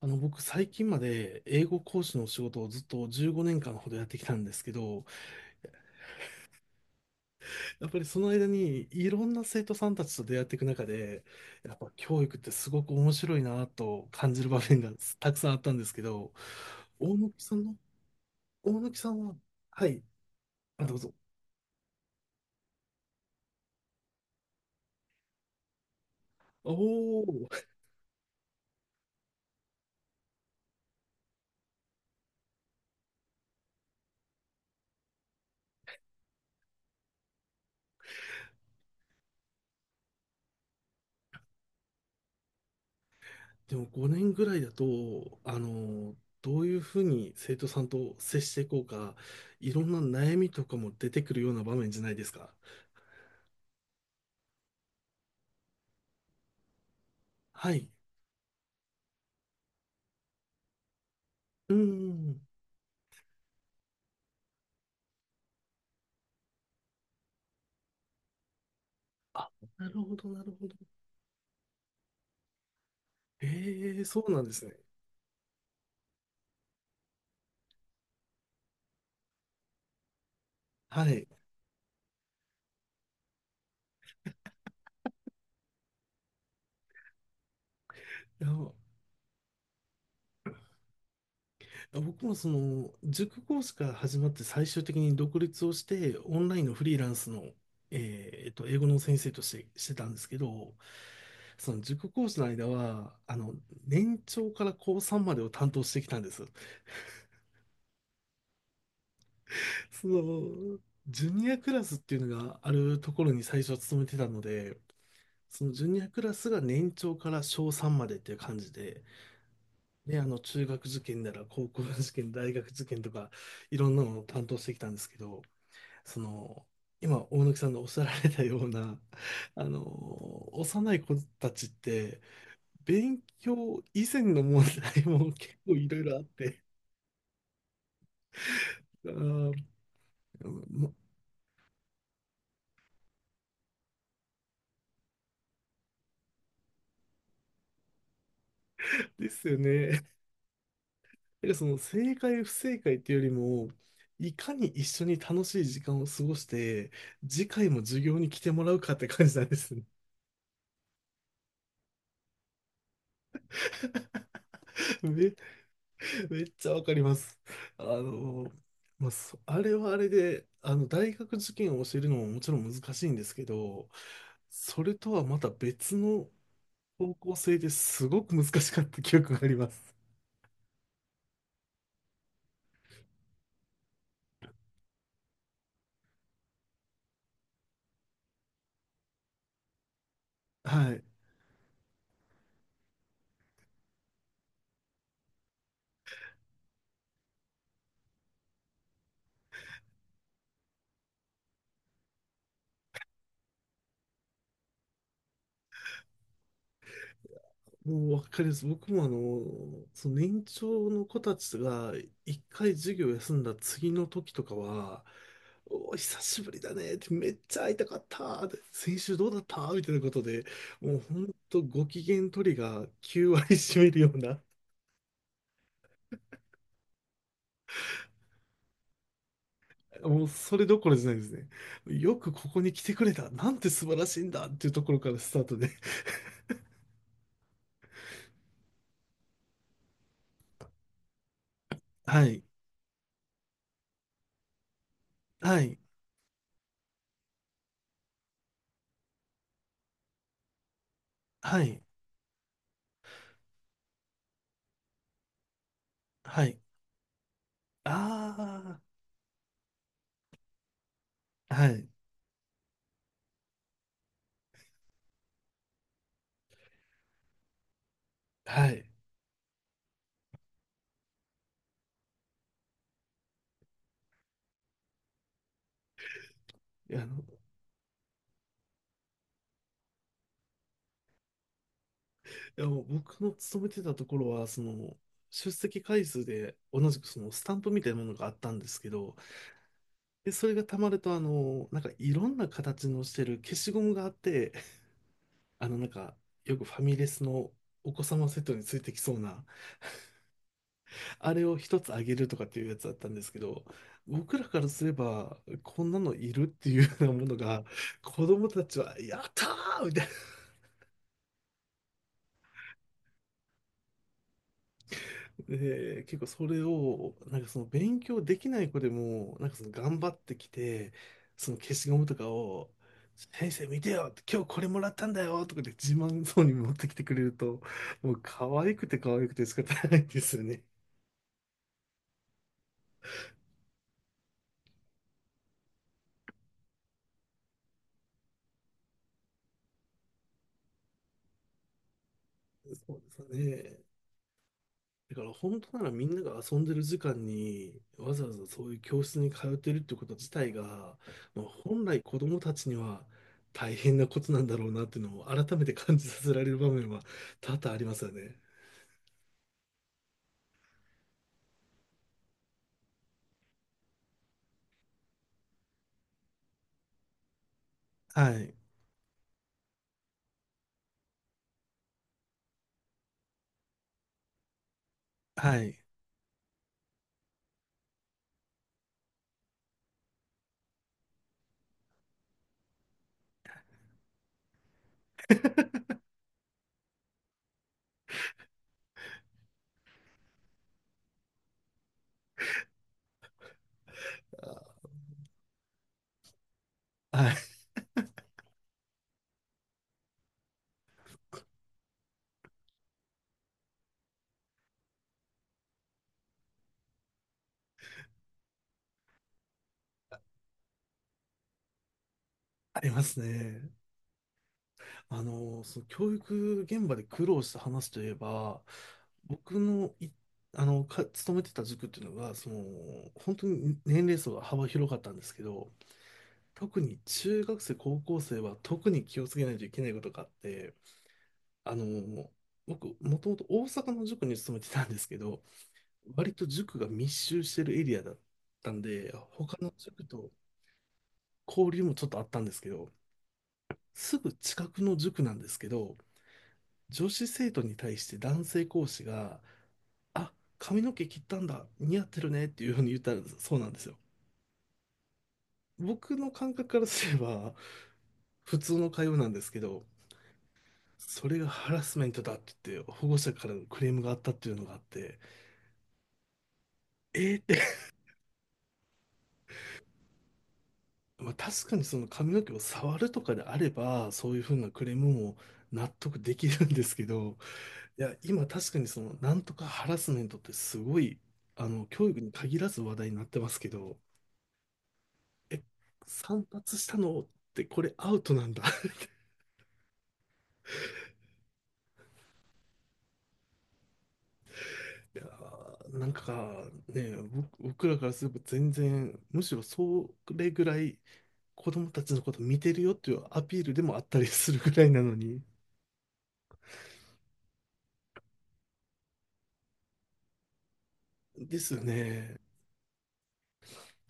僕、最近まで英語講師の仕事をずっと15年間ほどやってきたんですけど、やっぱりその間にいろんな生徒さんたちと出会っていく中で、やっぱ教育ってすごく面白いなと感じる場面がたくさんあったんですけど、大貫さんの、大貫さんは、はい、あ、どうぞ。おお、でも5年ぐらいだと、どういうふうに生徒さんと接していこうか、いろんな悩みとかも出てくるような場面じゃないですか。はい。うん。あ、なるほど、なるほど。ええ、そうなんですね。はい。いや、僕もその、塾講師から始まって最終的に独立をして、オンラインのフリーランスの、英語の先生として、してたんですけど、その塾講師の間は、年長から高3までを担当してきたんです。その、ジュニアクラスっていうのがあるところに最初は勤めてたので、そのジュニアクラスが年長から小3までっていう感じで、ね、中学受験なら高校受験、大学受験とか、いろんなものを担当してきたんですけど、その、今、大貫さんのおっしゃられたような、あの、幼い子たちって、勉強以前の問題も結構いろいろあって、あー、まですよね。だからその正解不正解っていうよりも、いかに一緒に楽しい時間を過ごして、次回も授業に来てもらうかって感じなんですね。め めっちゃわかります。あの、まあ、あれはあれで、大学受験を教えるのももちろん難しいんですけど、それとはまた別の方向性ですごく難しかった記憶があります。はい。もうわかります。僕もその年長の子たちが一回授業休んだ次の時とかは、おー、久しぶりだねって、めっちゃ会いたかったって、先週どうだったみたいなことで、もうほんとご機嫌取りが9割占めるような、もうそれどころじゃないですね。よくここに来てくれた。なんて素晴らしいんだっていうところからスタートで。はい、はい、はい、はい。ああ、はい、はい。いやあの、いやもう僕の勤めてたところは、その、出席回数で同じくそのスタンプみたいなものがあったんですけど、で、それが溜まると、なんかいろんな形のしてる消しゴムがあって、なんか、よくファミレスのお子様セットについてきそうな、あれを一つあげるとかっていうやつだったんですけど、僕らからすれば、こんなのいるっていうようなものが、子供たちは、やったーみたいで、結構それを、なんかその勉強できない子でも、なんかその頑張ってきて、その消しゴムとかを、先生見てよ今日これもらったんだよとかで自慢そうに持ってきてくれると、もう可愛くて可愛くて仕方ないですよね。そうですね。だから本当ならみんなが遊んでる時間にわざわざそういう教室に通ってるってこと自体が、まあ、本来子どもたちには大変なことなんだろうなっていうのを改めて感じさせられる場面は多々ありますよね。はい。はい。あはい。ありますね。その教育現場で苦労した話といえば、僕のい、勤めてた塾っていうのが、その、本当に年齢層が幅広かったんですけど、特に中学生、高校生は特に気をつけないといけないことがあって、あの、僕、もともと大阪の塾に勤めてたんですけど、割と塾が密集してるエリアだったんで、他の塾と交流もちょっとあったんですけど、すぐ近くの塾なんですけど、女子生徒に対して男性講師が、あ、髪の毛切ったんだ、似合ってるねっていうふうに言ったらそうなんですよ。僕の感覚からすれば、普通の会話なんですけど、それがハラスメントだって言って、保護者からのクレームがあったっていうのがあって、えーって、まあ、確かにその髪の毛を触るとかであれば、そういうふうなクレームも納得できるんですけど、いや、今確かにその、なんとかハラスメントってすごい、教育に限らず話題になってますけど、え、散髪したのってこれアウトなんだ いやー、なんかね、僕らからすれば全然、むしろそれぐらい、子供たちのこと見てるよっていうアピールでもあったりするぐらいなのに。ですよね。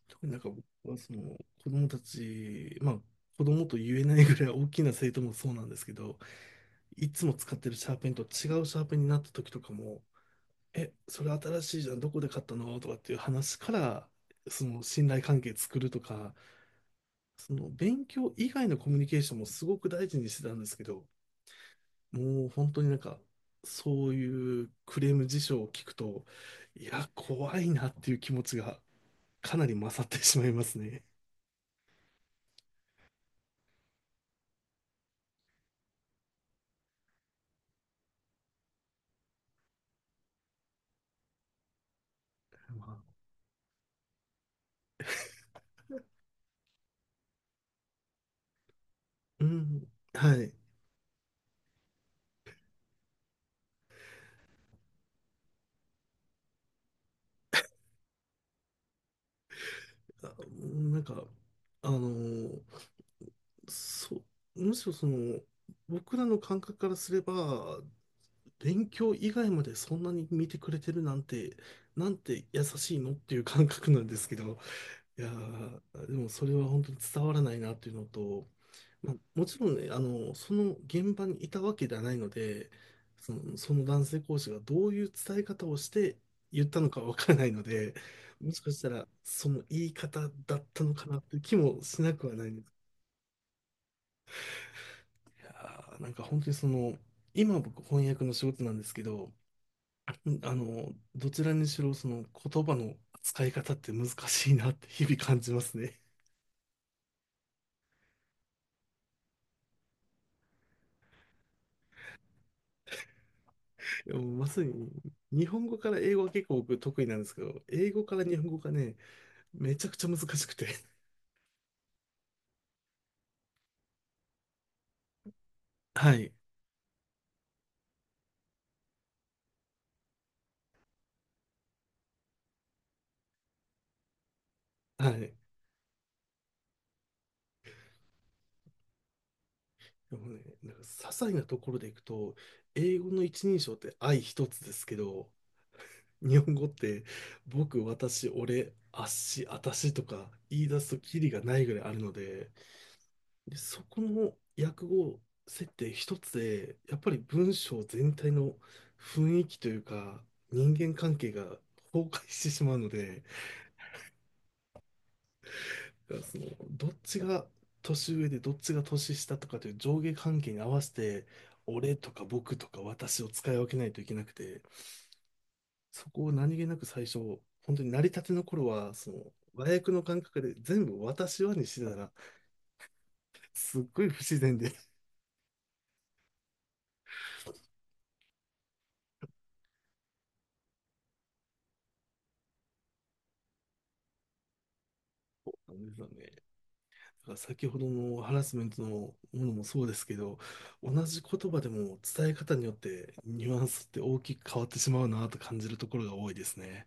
特になんか僕はその子供たち、まあ子供と言えないぐらい大きな生徒もそうなんですけど、いつも使ってるシャーペンと違うシャーペンになった時とかも、え、それ新しいじゃん、どこで買ったのとかっていう話から、その信頼関係作るとか、その勉強以外のコミュニケーションもすごく大事にしてたんですけど、もう本当になんか、そういうクレーム事象を聞くと、いや、怖いなっていう気持ちがかなり勝ってしまいますね。まあうん、はい。あなんか、あのーそう、むしろその、僕らの感覚からすれば、勉強以外までそんなに見てくれてるなんて、なんて優しいのっていう感覚なんですけど、いやーでもそれは本当に伝わらないなというのと、まあ、もちろんね、その現場にいたわけではないので、その男性講師がどういう伝え方をして言ったのかわからないので、もしかしたらその言い方だったのかなという気もしなくはないんです。いやーなんか本当にその、今僕翻訳の仕事なんですけど、どちらにしろその言葉の使い方って難しいなって日々感じますね。でもまさに、日本語から英語は結構僕得意なんですけど、英語から日本語がね、めちゃくちゃ難しくて。はい。はい。でもね、なんか些細なところでいくと、英語の一人称って愛一つですけど、日本語って僕、私、俺、あっし、あたしとか言い出すとキリがないぐらいあるので、でそこの訳語設定一つで、やっぱり文章全体の雰囲気というか、人間関係が崩壊してしまうので、だからその、どっちが年上でどっちが年下とかという上下関係に合わせて、俺とか僕とか私を使い分けないといけなくて、そこを何気なく最初、本当に成り立ての頃は、その、和訳の感覚で全部私はにしてたら、すっごい不自然で。なんですよね。だから先ほどのハラスメントのものもそうですけど、同じ言葉でも伝え方によってニュアンスって大きく変わってしまうなと感じるところが多いですね。